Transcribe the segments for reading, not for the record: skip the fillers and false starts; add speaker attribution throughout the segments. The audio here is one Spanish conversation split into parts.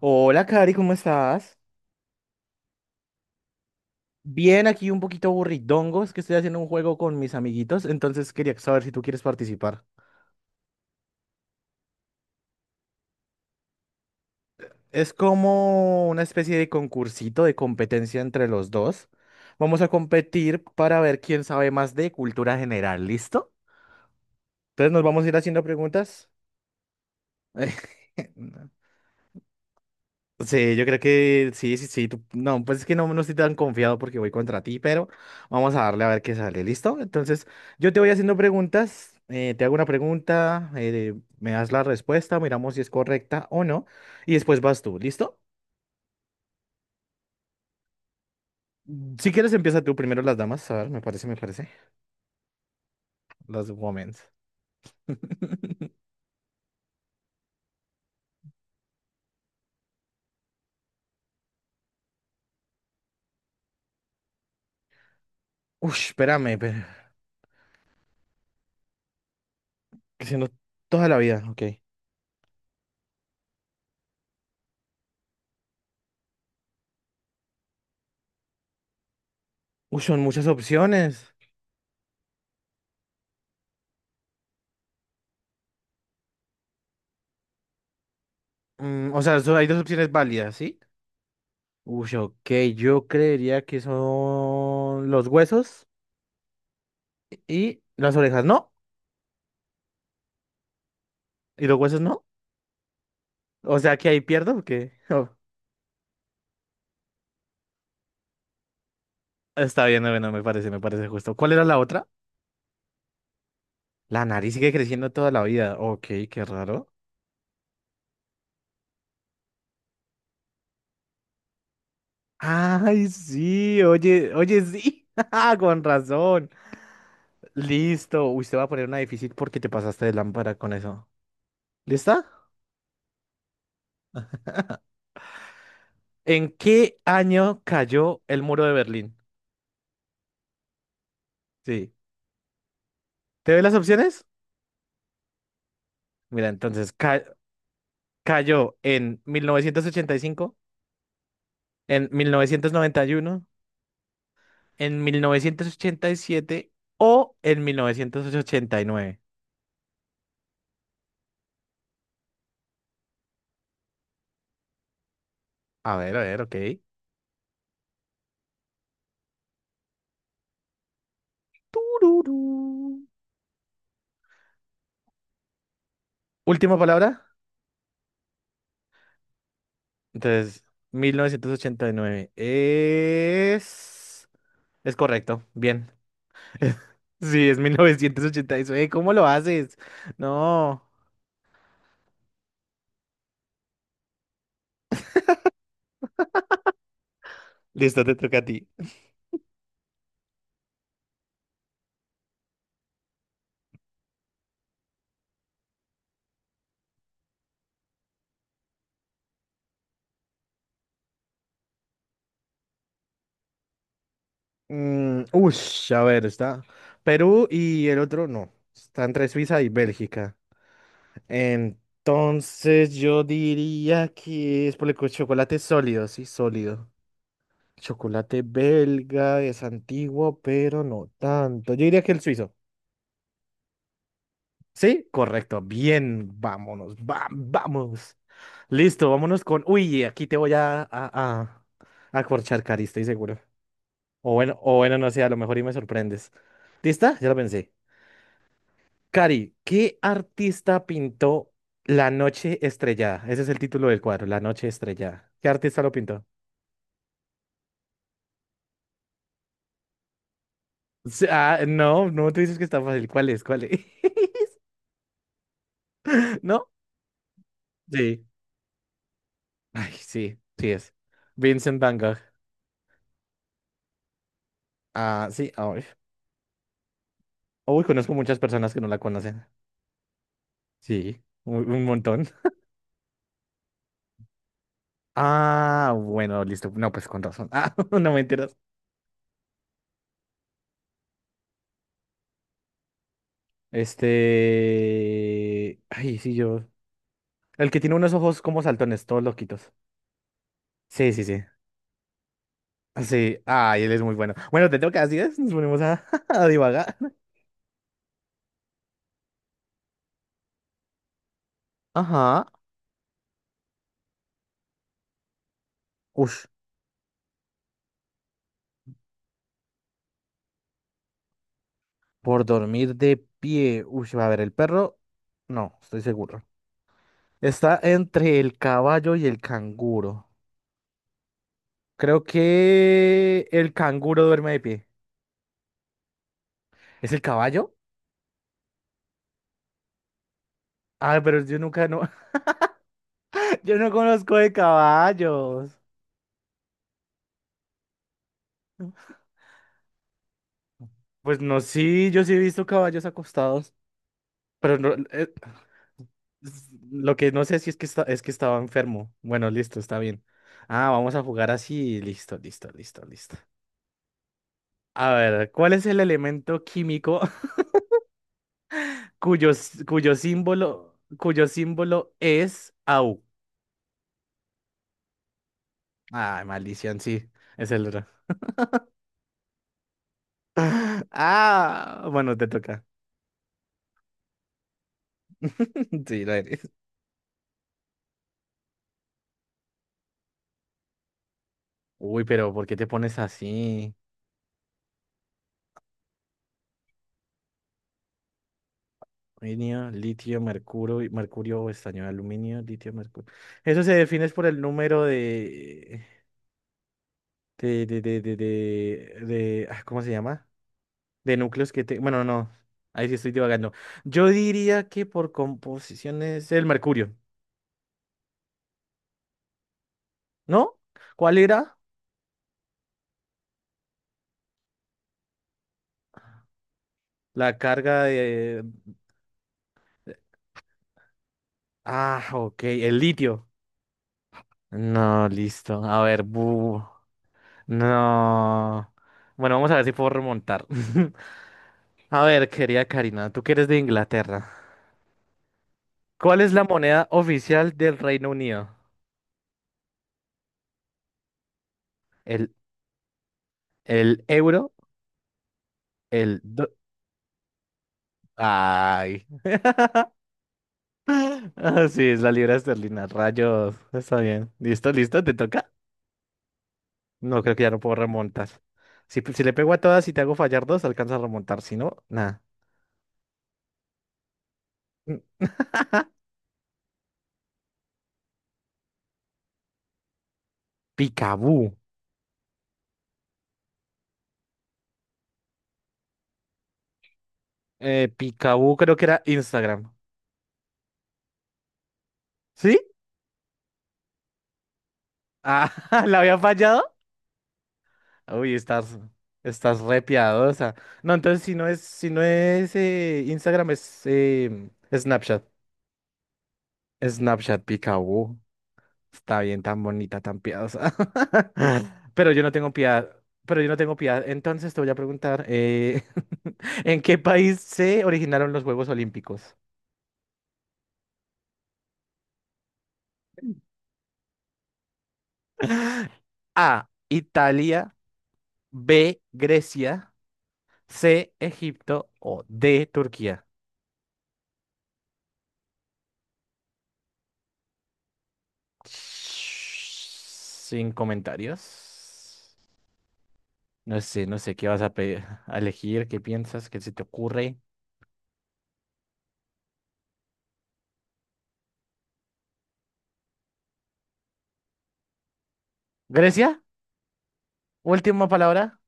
Speaker 1: Hola, Cari, ¿cómo estás? Bien, aquí un poquito aburridongo, es que estoy haciendo un juego con mis amiguitos, entonces quería saber si tú quieres participar. Es como una especie de concursito de competencia entre los dos. Vamos a competir para ver quién sabe más de cultura general, ¿listo? Entonces nos vamos a ir haciendo preguntas. Sí, yo creo que sí, sí, sí. No, pues es que no, estoy tan confiado porque voy contra ti, pero vamos a darle a ver qué sale. ¿Listo? Entonces, yo te voy haciendo preguntas. Te hago una pregunta, me das la respuesta, miramos si es correcta o no, y después vas tú. ¿Listo? Si quieres, empieza tú primero las damas. A ver, me parece. Las women. Uy, espérame, pero que siendo toda la vida, ok. Uy, son muchas opciones. O sea, hay dos opciones válidas, ¿sí? Uy, ok, yo creería que son los huesos y las orejas, ¿no? ¿Y los huesos no? O sea, que ahí pierdo, porque. Está bien, bueno, me parece justo. ¿Cuál era la otra? La nariz sigue creciendo toda la vida. Ok, qué raro. Ay, sí, oye, oye, sí. Ah, con razón. Listo. Uy, te va a poner una difícil porque te pasaste de lámpara con eso. ¿Lista? ¿En qué año cayó el muro de Berlín? Sí. ¿Te doy las opciones? Mira, entonces, cayó en 1985, en 1991, en 1987 o en 1989. A ver, ok. Tururú. Última palabra. Entonces, 1989 es. Es correcto, bien. Sí, es 1989. ¿Cómo lo haces? No. Listo, te toca a ti. A ver, está Perú y el otro no. Está entre Suiza y Bélgica. Entonces yo diría que es por el chocolate sólido, sí, sólido. Chocolate belga es antiguo, pero no tanto. Yo diría que el suizo. Sí, correcto. Bien, vámonos, vamos. Listo, vámonos con. Uy, aquí te voy a corchar, Cari, estoy seguro. O bueno, no sé, a lo mejor y me sorprendes. ¿Lista? Ya lo pensé. Cari, ¿qué artista pintó La Noche Estrellada? Ese es el título del cuadro, La Noche Estrellada. ¿Qué artista lo pintó? Sí, ah, no, no te dices que está fácil. ¿Cuál es? ¿Cuál es? ¿No? Sí. Ay, sí, sí es. Vincent Van Gogh. Ah, sí, ay. Uy, conozco muchas personas que no la conocen. Sí, un montón. Ah, bueno, listo. No, pues con razón. Ah, no me enteras. Este. Ay, sí, yo. El que tiene unos ojos como saltones, todos loquitos. Sí, sí, sí. Ah, sí. Ay, él es muy bueno. Bueno, te tengo que decir, nos ponemos a, a divagar. Ajá. Ush, por dormir de pie. Ush, va a ver, el perro. No, estoy seguro. Está entre el caballo y el canguro. Creo que el canguro duerme de pie. ¿Es el caballo? Ah, pero yo nunca, no, yo no conozco de caballos. Pues no, sí, yo sí he visto caballos acostados, pero no, lo que no sé si es que estaba enfermo. Bueno, listo, está bien. Ah, vamos a jugar así, listo, listo, listo, listo. A ver, ¿cuál es el elemento químico cuyo símbolo es Au? Ah, maldición, sí, es el otro. Ah, bueno, te toca. Sí, lo eres. Uy, pero ¿por qué te pones así? Aluminio, litio, mercurio, mercurio o estaño, aluminio, litio, mercurio. Eso se define es por el número de, ¿cómo se llama? De núcleos que te, bueno, no, ahí sí estoy divagando. Yo diría que por composición es el mercurio, ¿no? ¿Cuál era? La carga de, ok, el litio. No, listo. A ver, bu. No. Bueno, vamos a ver si puedo remontar. A ver, querida Karina, tú que eres de Inglaterra. ¿Cuál es la moneda oficial del Reino Unido? ¿El, el euro? ¿El... do- Ay. Ah, sí, es la libra esterlina. Rayos. Está bien. ¿Listo, listo? ¿Te toca? No, creo que ya no puedo remontar. Si le pego a todas y te hago fallar dos, alcanza a remontar. Si no, nada. Mm, Picaboo. Picaboo creo que era Instagram. ¿Sí? Ah, ¿la había fallado? Uy, estás re piadosa. No, entonces si no es Instagram, es Snapchat. Snapchat Picaboo. Está bien, tan bonita, tan piadosa. Pero yo no tengo piedad. Pero yo no tengo piedad. Entonces te voy a preguntar, ¿en qué país se originaron los Juegos Olímpicos? A, Italia, B, Grecia, C, Egipto o D, Turquía. Sin comentarios. No sé qué vas a, a elegir, qué piensas, qué se te ocurre. Grecia, última palabra.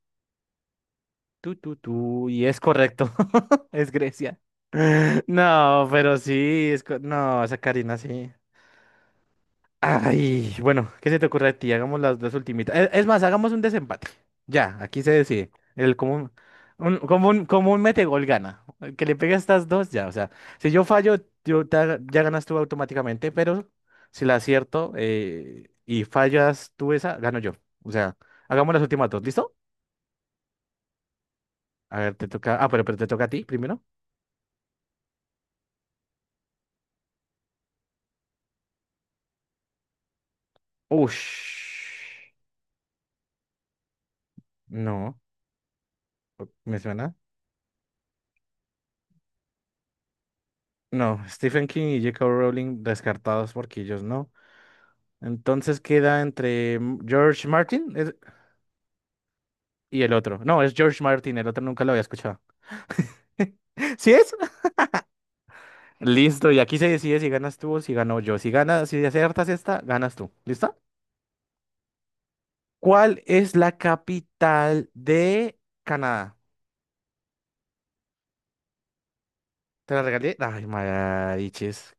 Speaker 1: Tú, tú, tú. Y es correcto. Es Grecia. No, pero sí, no, esa Karina sí. Ay, bueno, ¿qué se te ocurre a ti? Hagamos las dos ultimitas. Es más, hagamos un desempate. Ya, aquí se decide. El común, como un mete gol gana. El que le pegue a estas dos, ya. O sea, si yo fallo, ya ganas tú automáticamente, pero si la acierto, y fallas tú esa, gano yo. O sea, hagamos las últimas dos, ¿listo? A ver, te toca. Ah, pero te toca a ti primero. Ush. No, ¿me suena? No, Stephen King y J.K. Rowling descartados porque ellos no. Entonces queda entre George Martin y el otro. No, es George Martin, el otro nunca lo había escuchado. ¿Sí es? Listo, y aquí se decide si ganas tú o si gano yo. Si ganas, si aciertas esta, ganas tú. ¿Listo? ¿Cuál es la capital de Canadá? ¿Te la regalé? Ay, mariches.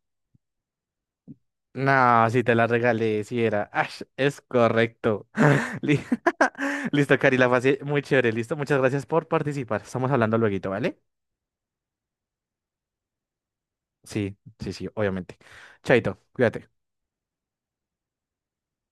Speaker 1: No, si te la regalé, si era. Ash, es correcto. Li- Listo, Cari, la pasé muy chévere. Listo, muchas gracias por participar. Estamos hablando luego, ¿vale? Sí, sí, sí, obviamente. Chaito, cuídate.